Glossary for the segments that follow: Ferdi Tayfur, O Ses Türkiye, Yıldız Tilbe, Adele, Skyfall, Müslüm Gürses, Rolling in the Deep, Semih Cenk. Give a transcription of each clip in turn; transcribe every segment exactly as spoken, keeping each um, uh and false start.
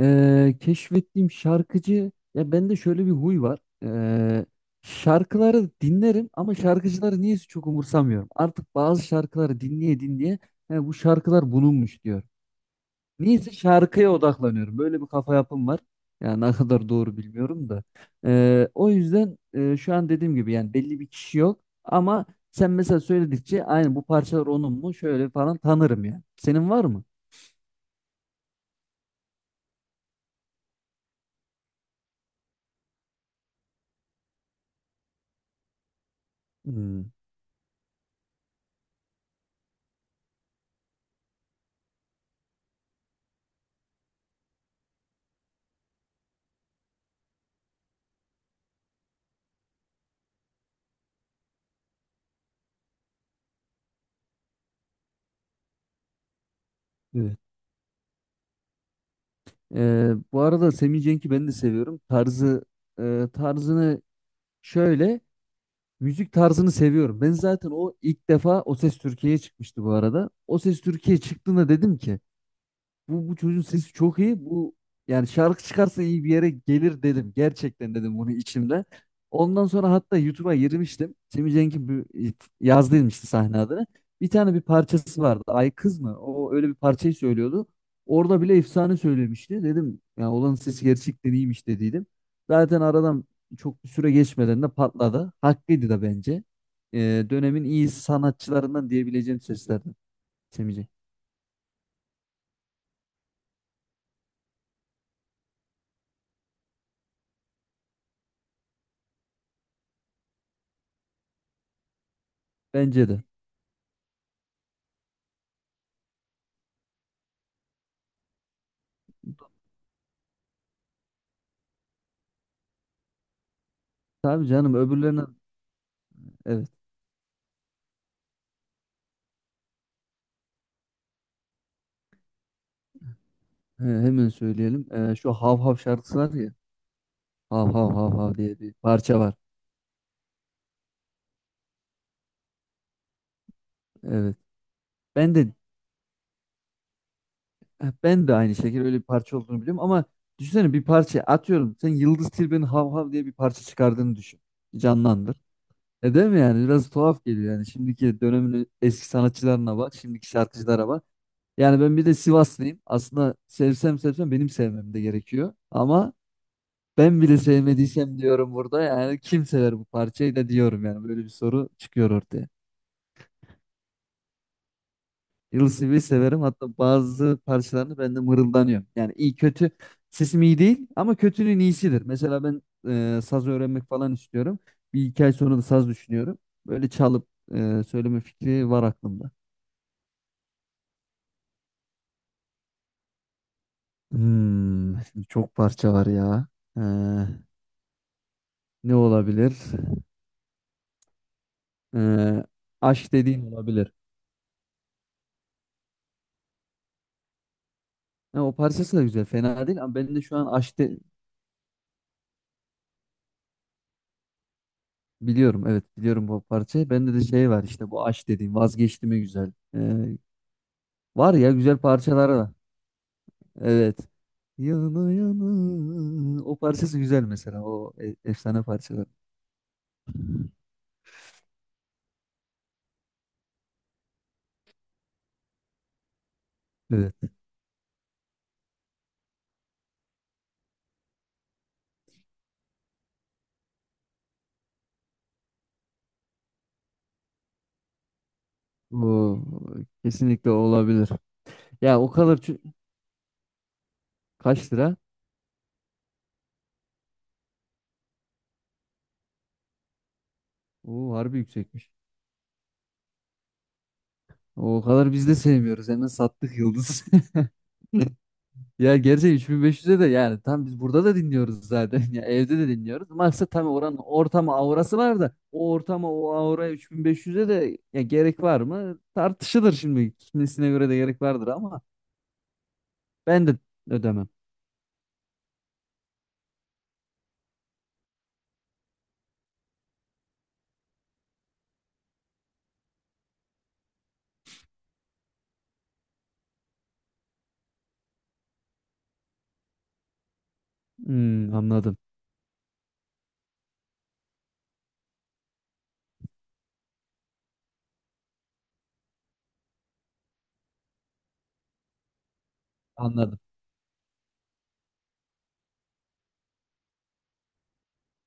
Ee, keşfettiğim şarkıcı ya, bende şöyle bir huy var. Ee, şarkıları dinlerim ama şarkıcıları niyeyse çok umursamıyorum. Artık bazı şarkıları dinleye dinleye "He, bu şarkılar bulunmuş" diyor. Niyeyse şarkıya odaklanıyorum. Böyle bir kafa yapım var. Yani ne kadar doğru bilmiyorum da. Ee, o yüzden e, şu an dediğim gibi yani belli bir kişi yok, ama sen mesela söyledikçe aynı bu parçalar onun mu şöyle falan tanırım yani. Senin var mı? Hmm, evet. Ee, bu arada Semih Cenk'i ben de seviyorum. Tarzı e, tarzını şöyle müzik tarzını seviyorum. Ben zaten o ilk defa O Ses Türkiye'ye çıkmıştı bu arada. O Ses Türkiye çıktığında dedim ki bu, bu çocuğun sesi çok iyi. Bu, yani şarkı çıkarsa iyi bir yere gelir dedim. Gerçekten dedim bunu içimde. Ondan sonra hatta YouTube'a girmiştim. Cem Cenk'in bir- yazdıydım işte sahne adını. Bir tane bir parçası vardı. Ay kız mı? O öyle bir parçayı söylüyordu. Orada bile efsane söylemişti. Dedim ya, olan sesi gerçekten iyiymiş dediydim. Zaten aradan çok bir süre geçmeden de patladı. Haklıydı da bence. Ee, dönemin iyi sanatçılarından diyebileceğim seslerden Cem Cenk. Bence de. Tabii canım, öbürlerine evet. He, hemen söyleyelim. Ee, şu Hav Hav şarkısı var ya. Hav Hav Hav Hav diye bir parça var. Evet. Ben de ben de aynı şekilde öyle bir parça olduğunu biliyorum, ama düşünsene bir parça atıyorum. Sen Yıldız Tilbe'nin Hav Hav diye bir parça çıkardığını düşün. Canlandır. E değil mi yani? Biraz tuhaf geliyor yani. Şimdiki dönemin eski sanatçılarına bak. Şimdiki şarkıcılara bak. Yani ben bir de Sivaslıyım. Aslında sevsem sevsem benim sevmem de gerekiyor. Ama ben bile sevmediysem diyorum burada, yani kim sever bu parçayı da diyorum, yani böyle bir soru çıkıyor ortaya. Yıldız severim, hatta bazı parçalarını ben de mırıldanıyorum. Yani iyi kötü sesim iyi değil ama kötünün iyisidir. Mesela ben e, saz öğrenmek falan istiyorum. Bir iki ay sonra da saz düşünüyorum. Böyle çalıp e, söyleme fikri var aklımda. Hmm, şimdi çok parça var ya. Ee, Ne olabilir? Ee, Aşk dediğin olabilir. Ha, o parçası da güzel, fena değil ama ben de şu an aşk de- Biliyorum, evet biliyorum bu parçayı. Bende de şey var işte, bu aşk dediğim vazgeçti mi güzel. Ee, var ya güzel parçalar da, evet. Yana yana. O parçası güzel mesela. O e- efsane parçalar. Evet. O kesinlikle olabilir. Ya o kadar çü- Kaç lira? O harbi yüksekmiş. O kadar biz de sevmiyoruz. Hemen sattık yıldız. Ya gerçi üç bin beş yüze de yani, tam biz burada da dinliyoruz zaten. Ya evde de dinliyoruz. Maksat tabii oranın ortama aurası var da, o ortama o auraya üç bin beş yüze de ya gerek var mı? Tartışılır şimdi. Kimisine göre de gerek vardır ama ben de ödemem. Hmm, anladım. Anladım.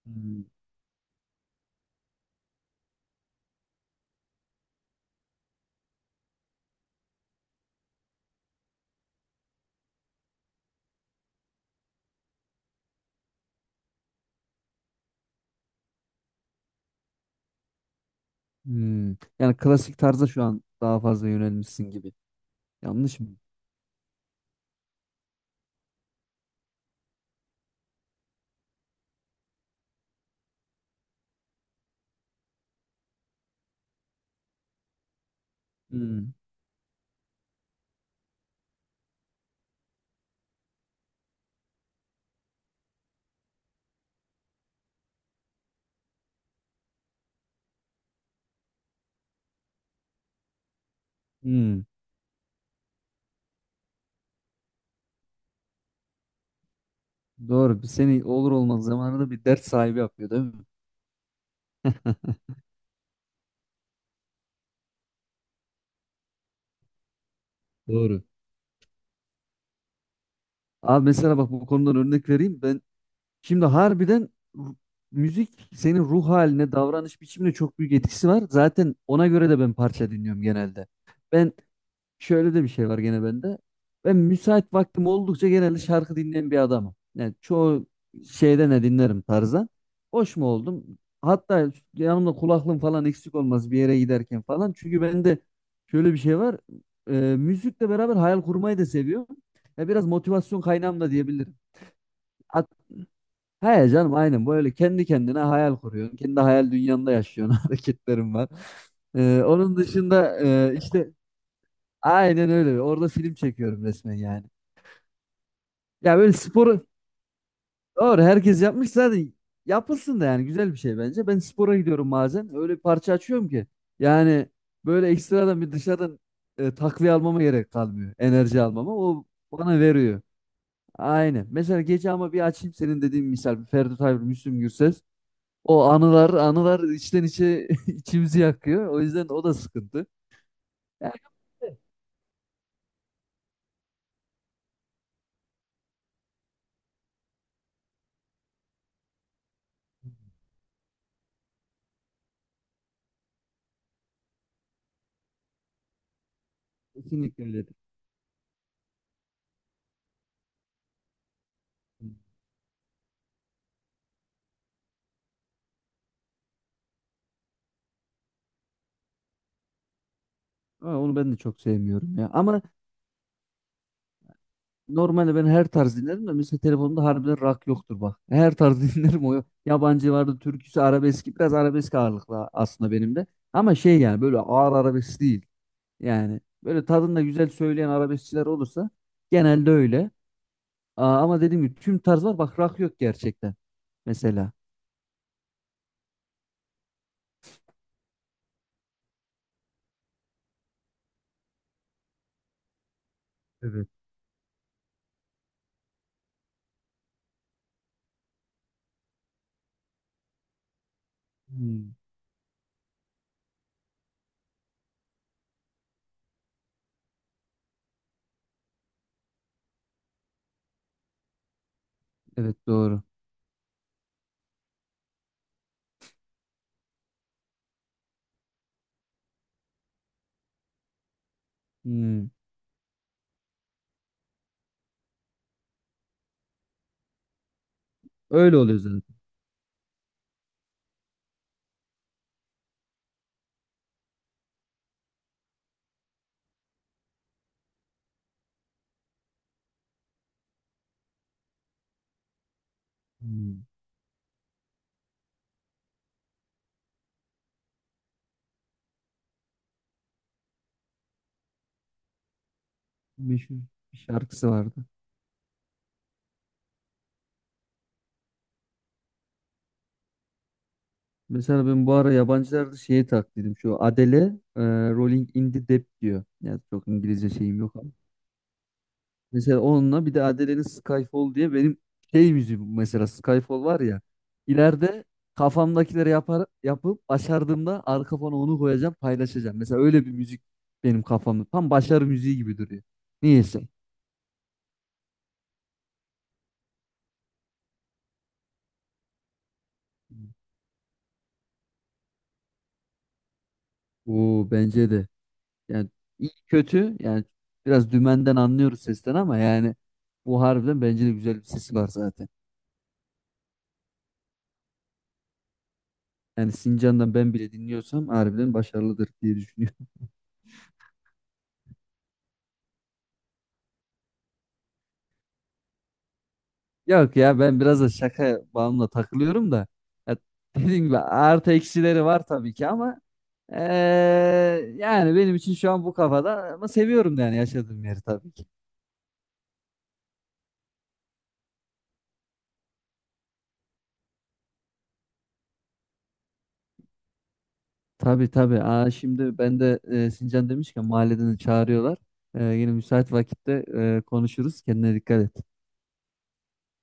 Hmm, hmm. Yani klasik tarza şu an daha fazla yönelmişsin gibi. Yanlış mı? Hmm, hmm. Doğru. Seni olur olmaz zamanında bir dert sahibi yapıyor değil mi? Doğru. Abi mesela bak, bu konudan örnek vereyim. Şimdi harbiden ru- müzik senin ruh haline, davranış biçimine çok büyük etkisi var. Zaten ona göre de ben parça dinliyorum genelde. Ben şöyle de bir şey var gene bende. Ben müsait vaktim oldukça genelde şarkı dinleyen bir adamım. Yani çoğu şeyde ne dinlerim tarzdan. Hoş mu oldum? Hatta yanımda kulaklığım falan eksik olmaz bir yere giderken falan. Çünkü bende şöyle bir şey var. E, müzikle beraber hayal kurmayı da seviyorum. Ya biraz motivasyon kaynağım da diyebilirim. He canım, aynen böyle kendi kendine hayal kuruyorsun. Kendi hayal dünyanda yaşıyorsun, hareketlerim var. Ee, onun dışında e, işte aynen öyle. Orada film çekiyorum resmen yani. Ya böyle sporu doğru herkes yapmış zaten, yapılsın da yani, güzel bir şey bence. Ben spora gidiyorum bazen. Öyle bir parça açıyorum ki yani, böyle ekstradan bir dışarıdan e, takviye almama gerek kalmıyor. Enerji almama o bana veriyor. Aynen. Mesela gece ama bir açayım, senin dediğin misal, Ferdi Tayfur, Müslüm Gürses. O anılar anılar içten içe içimizi yakıyor. O yüzden o da sıkıntı. Yani evet, kesinlikle öyle. Ama onu ben de çok sevmiyorum ya. Ama normalde ben her tarz dinlerim de, mesela telefonumda harbiden rock yoktur bak. Her tarz dinlerim o. Yabancı vardı, türküsü, arabeski. Biraz arabesk ağırlıklı aslında benim de. Ama şey, yani böyle ağır arabesk değil. Yani böyle tadında güzel söyleyen arabeskçiler olursa, genelde öyle. Aa, ama dediğim gibi tüm tarz var. Bak rock yok gerçekten mesela. Evet. Hmm, evet doğru. Hmm. Öyle oluyor zaten. Hmm. Meşhur bir şarkısı vardı. Mesela ben bu ara yabancılarda şeyi taklidim. Şu Adele e, Rolling in the Deep diyor. Yani çok İngilizce şeyim yok ama. Mesela onunla bir de Adele'nin Skyfall diye, benim şey müziğim mesela Skyfall var ya. İleride kafamdakileri yapar, yapıp başardığımda arka fona onu koyacağım, paylaşacağım. Mesela öyle bir müzik benim kafamda. Tam başarı müziği gibi duruyor. Niyeyse. O bence de. Yani iyi kötü yani, biraz dümenden anlıyoruz sesten ama yani, bu harbiden bence de güzel bir sesi var zaten. Yani Sincan'dan ben bile dinliyorsam harbiden başarılıdır diye düşünüyorum. Yok ya, ben biraz da şaka bağımla takılıyorum da. Ya dediğim gibi artı eksileri var tabii ki ama eee, yani benim için şu an bu kafada, ama seviyorum da yani yaşadığım yeri tabii ki. Tabii tabii. Aa, şimdi ben de e, Sincan demişken mahalleden de çağırıyorlar. E, yine müsait vakitte e, konuşuruz. Kendine dikkat et.